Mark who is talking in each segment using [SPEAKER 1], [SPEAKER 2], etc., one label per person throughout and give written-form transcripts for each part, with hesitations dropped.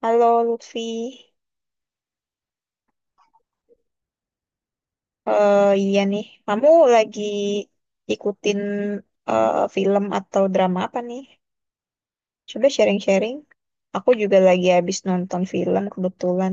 [SPEAKER 1] Halo Lutfi. Kamu lagi ikutin film atau drama apa nih? Coba sharing-sharing. Aku juga lagi habis nonton film kebetulan.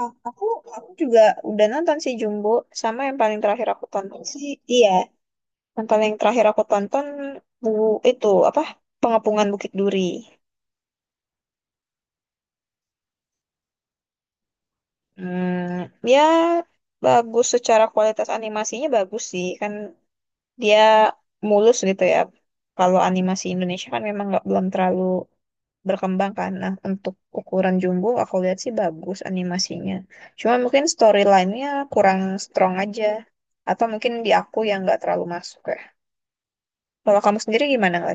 [SPEAKER 1] Ah, Aku aku juga udah nonton sih Jumbo, sama yang paling terakhir aku tonton sih, iya, yang paling terakhir aku tonton bu itu apa? Pengepungan Bukit Duri. Hmm, ya bagus, secara kualitas animasinya bagus sih kan dia mulus gitu ya. Kalau animasi Indonesia kan memang nggak belum terlalu berkembang kan. Nah, untuk ukuran jumbo aku lihat sih bagus animasinya. Cuma mungkin storyline-nya kurang strong aja. Atau mungkin di aku yang nggak terlalu masuk ya. Kalau kamu sendiri gimana nggak?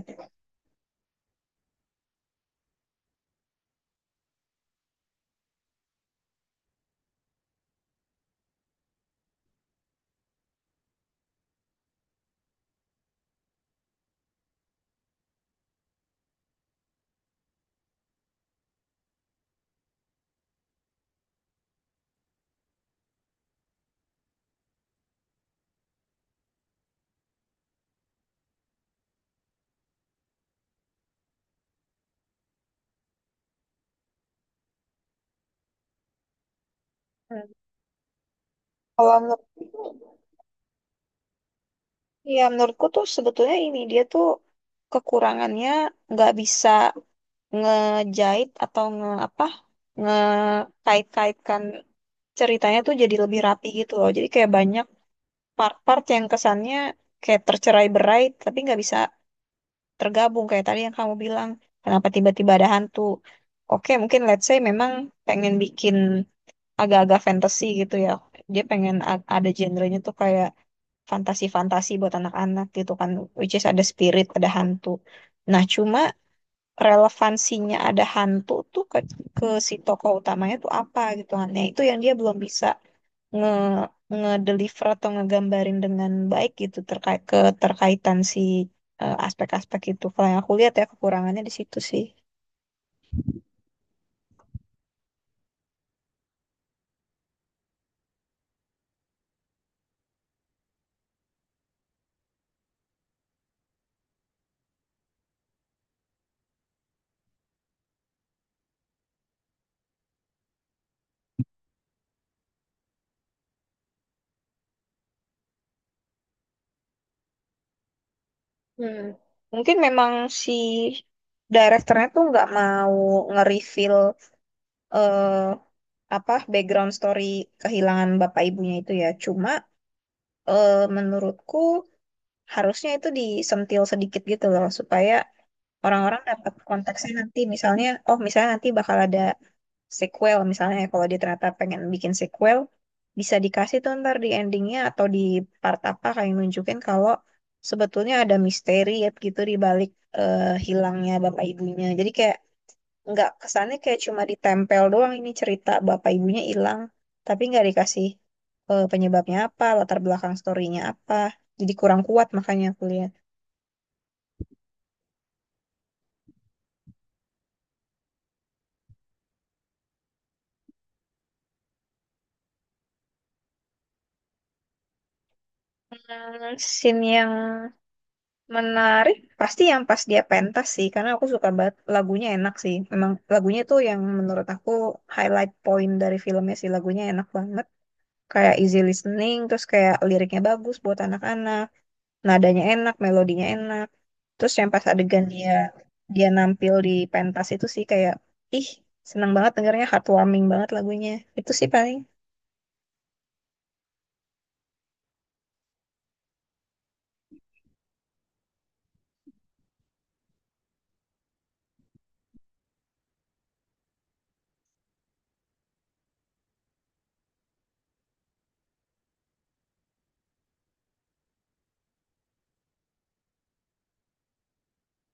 [SPEAKER 1] Hmm. Kalau menurut, ya menurutku tuh sebetulnya ini dia tuh kekurangannya nggak bisa ngejahit atau nge apa, ngekait-kaitkan ceritanya tuh jadi lebih rapi gitu loh. Jadi kayak banyak part-part yang kesannya kayak tercerai-berai tapi nggak bisa tergabung, kayak tadi yang kamu bilang, kenapa tiba-tiba ada hantu. Oke, mungkin let's say memang pengen bikin agak-agak fantasy gitu ya. Dia pengen ada genrenya tuh kayak fantasi-fantasi buat anak-anak gitu kan, which is ada spirit, ada hantu. Nah, cuma relevansinya ada hantu tuh ke si tokoh utamanya tuh apa gitu kan. Nah, itu yang dia belum bisa nge ngedeliver atau ngegambarin dengan baik gitu, terkait keterkaitan si aspek-aspek itu. Kalau yang aku lihat ya kekurangannya di situ sih. Hmm. Mungkin memang si direkturnya tuh nggak mau nge-reveal eh, apa background story kehilangan bapak ibunya itu ya. Cuma menurutku harusnya itu disentil sedikit gitu loh, supaya orang-orang dapat konteksnya. Nanti misalnya, oh misalnya nanti bakal ada sequel misalnya ya, kalau dia ternyata pengen bikin sequel bisa dikasih tuh ntar di endingnya atau di part apa, kayak nunjukin kalau sebetulnya ada misteri ya gitu di balik hilangnya bapak ibunya, jadi kayak nggak kesannya kayak cuma ditempel doang ini cerita bapak ibunya hilang tapi nggak dikasih penyebabnya apa, latar belakang storynya apa, jadi kurang kuat makanya aku lihat. Hmm, scene yang menarik, pasti yang pas dia pentas sih, karena aku suka banget lagunya enak sih. Memang lagunya tuh yang menurut aku highlight point dari filmnya sih, lagunya enak banget. Kayak easy listening, terus kayak liriknya bagus buat anak-anak, nadanya enak, melodinya enak. Terus yang pas adegan dia dia nampil di pentas itu sih kayak, ih, seneng banget dengarnya, heartwarming banget lagunya. Itu sih paling.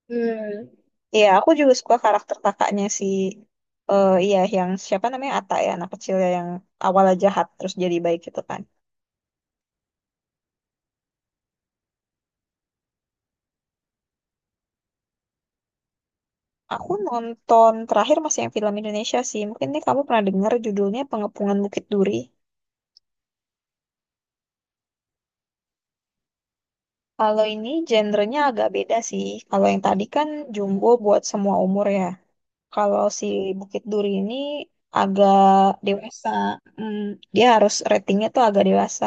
[SPEAKER 1] Hmm. Iya, aku juga suka karakter kakaknya si iya, yang siapa namanya, Ata ya, anak kecil ya yang awalnya jahat terus jadi baik gitu kan. Aku nonton terakhir masih yang film Indonesia sih. Mungkin nih kamu pernah dengar judulnya, Pengepungan Bukit Duri. Kalau ini genrenya agak beda sih. Kalau yang tadi kan Jumbo buat semua umur ya. Kalau si Bukit Duri ini agak dewasa. Hmm, dia harus ratingnya tuh agak dewasa.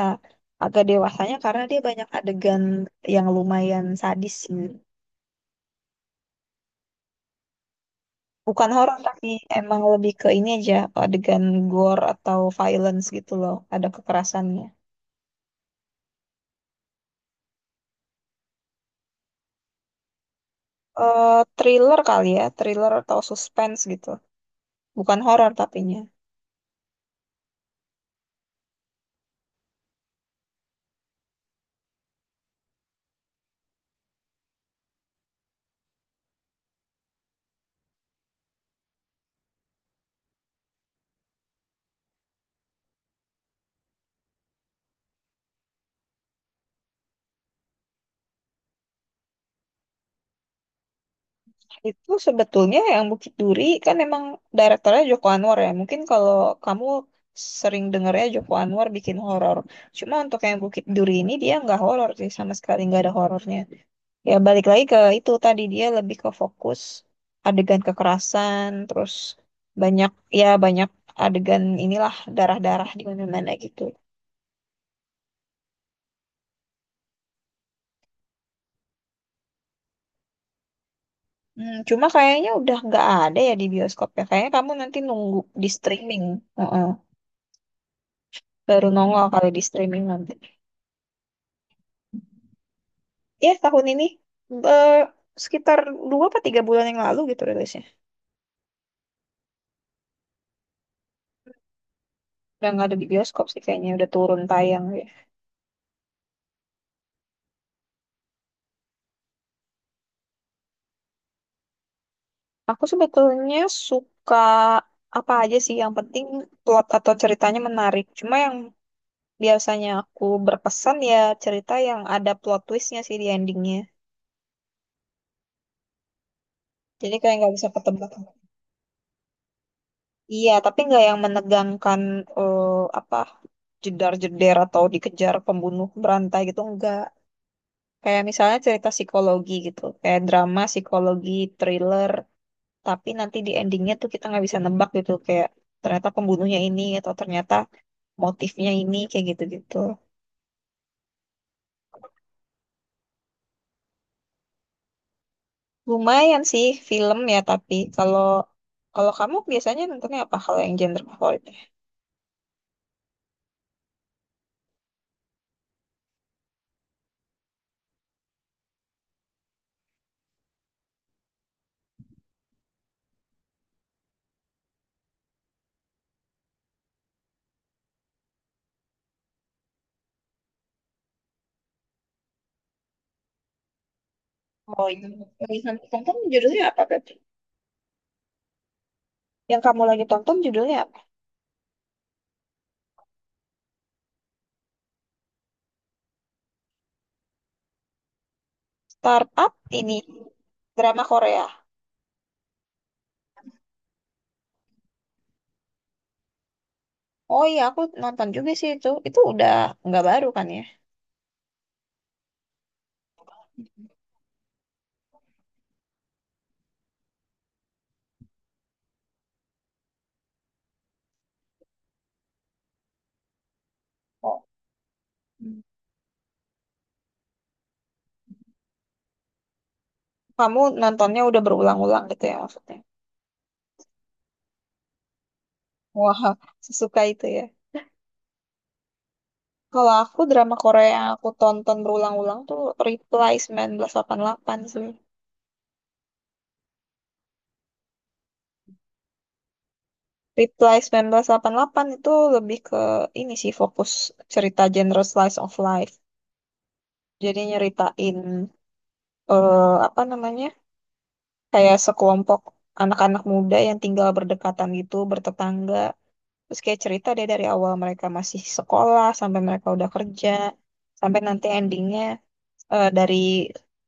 [SPEAKER 1] Agak dewasanya karena dia banyak adegan yang lumayan sadis sih. Bukan horor, tapi emang lebih ke ini aja, adegan gore atau violence gitu loh. Ada kekerasannya. Eh thriller kali ya, thriller atau suspense gitu. Bukan horor tapinya. Itu sebetulnya yang Bukit Duri kan emang direktornya Joko Anwar ya. Mungkin kalau kamu sering dengarnya Joko Anwar bikin horor. Cuma untuk yang Bukit Duri ini dia nggak horor sih, sama sekali nggak ada horornya. Ya balik lagi ke itu tadi, dia lebih ke fokus adegan kekerasan, terus banyak, ya banyak adegan inilah, darah-darah di mana-mana gitu. Hmm, cuma kayaknya udah nggak ada ya di bioskop ya. Kayaknya kamu nanti nunggu di streaming. Heeh. Baru nongol kali di streaming nanti. Ya tahun ini, eh, sekitar dua apa tiga bulan yang lalu gitu rilisnya. Udah nggak ada di bioskop sih kayaknya, udah turun tayang. Ya, aku sebetulnya suka apa aja sih, yang penting plot atau ceritanya menarik. Cuma yang biasanya aku berpesan ya cerita yang ada plot twistnya sih di endingnya. Jadi kayak nggak bisa ketebak. Iya, tapi nggak yang menegangkan eh, apa, jedar-jeder atau dikejar pembunuh berantai gitu enggak. Kayak misalnya cerita psikologi gitu, kayak drama psikologi, thriller, tapi nanti di endingnya tuh kita nggak bisa nebak gitu, kayak ternyata pembunuhnya ini, atau ternyata motifnya ini, kayak gitu-gitu. Lumayan sih film ya, tapi kalau kalau kamu biasanya nontonnya apa kalau yang genre favoritnya? Oh iya, lagi kamu tonton judulnya apa berarti? Yang kamu lagi tonton judulnya apa? Startup ini drama Korea. Oh iya, aku nonton juga sih itu. Itu udah nggak baru kan ya? Oh. Kamu nontonnya udah berulang-ulang gitu ya maksudnya. Wah, sesuka itu ya. Kalau aku drama Korea yang aku tonton berulang-ulang tuh Reply 1988 sih. Reply 1988 itu lebih ke ini sih, fokus cerita genre slice of life. Jadi nyeritain eh, apa namanya? Kayak sekelompok anak-anak muda yang tinggal berdekatan gitu, bertetangga. Terus kayak cerita dia dari awal mereka masih sekolah sampai mereka udah kerja, sampai nanti endingnya eh, dari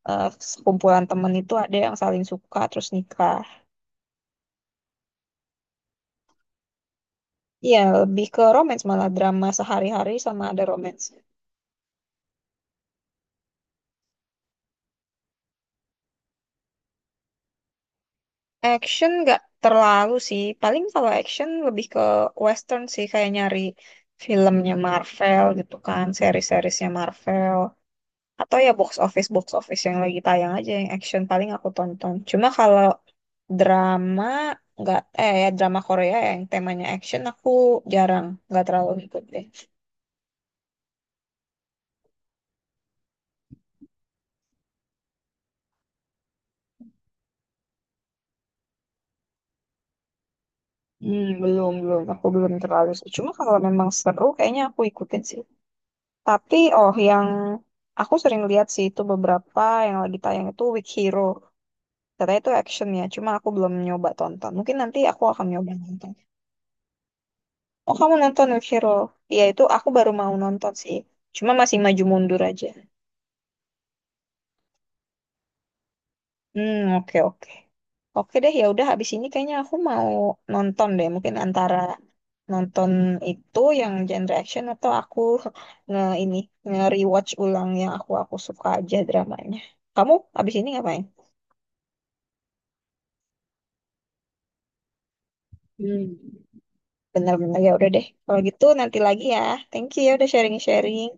[SPEAKER 1] eh, sekumpulan temen itu ada yang saling suka terus nikah. Iya, lebih ke romance, malah drama sehari-hari sama ada romance. Action nggak terlalu sih. Paling kalau action lebih ke western sih kayak nyari filmnya Marvel gitu kan, seri-serisnya Marvel. Atau ya box office, box office yang lagi tayang aja yang action paling aku tonton. Cuma kalau drama nggak, eh ya drama Korea yang temanya action aku jarang, nggak terlalu ngikutin. Hmm, belum, belum. Aku belum terlalu sih. Cuma kalau memang seru, kayaknya aku ikutin sih. Tapi, oh, yang aku sering lihat sih itu beberapa yang lagi tayang itu Weak Hero. Katanya itu action ya, cuma aku belum nyoba tonton. Mungkin nanti aku akan nyoba nonton. Oh, kamu nonton Weak Hero? Iya, itu aku baru mau nonton sih. Cuma masih maju mundur aja. Hmm, oke oke. Oke deh, ya udah habis ini kayaknya aku mau nonton deh, mungkin antara nonton itu yang genre action, atau aku nge ini, nge-rewatch ulang yang aku suka aja dramanya. Kamu habis ini ngapain? Hmm. Benar-benar ya udah deh. Kalau gitu nanti lagi ya. Thank you ya udah sharing-sharing.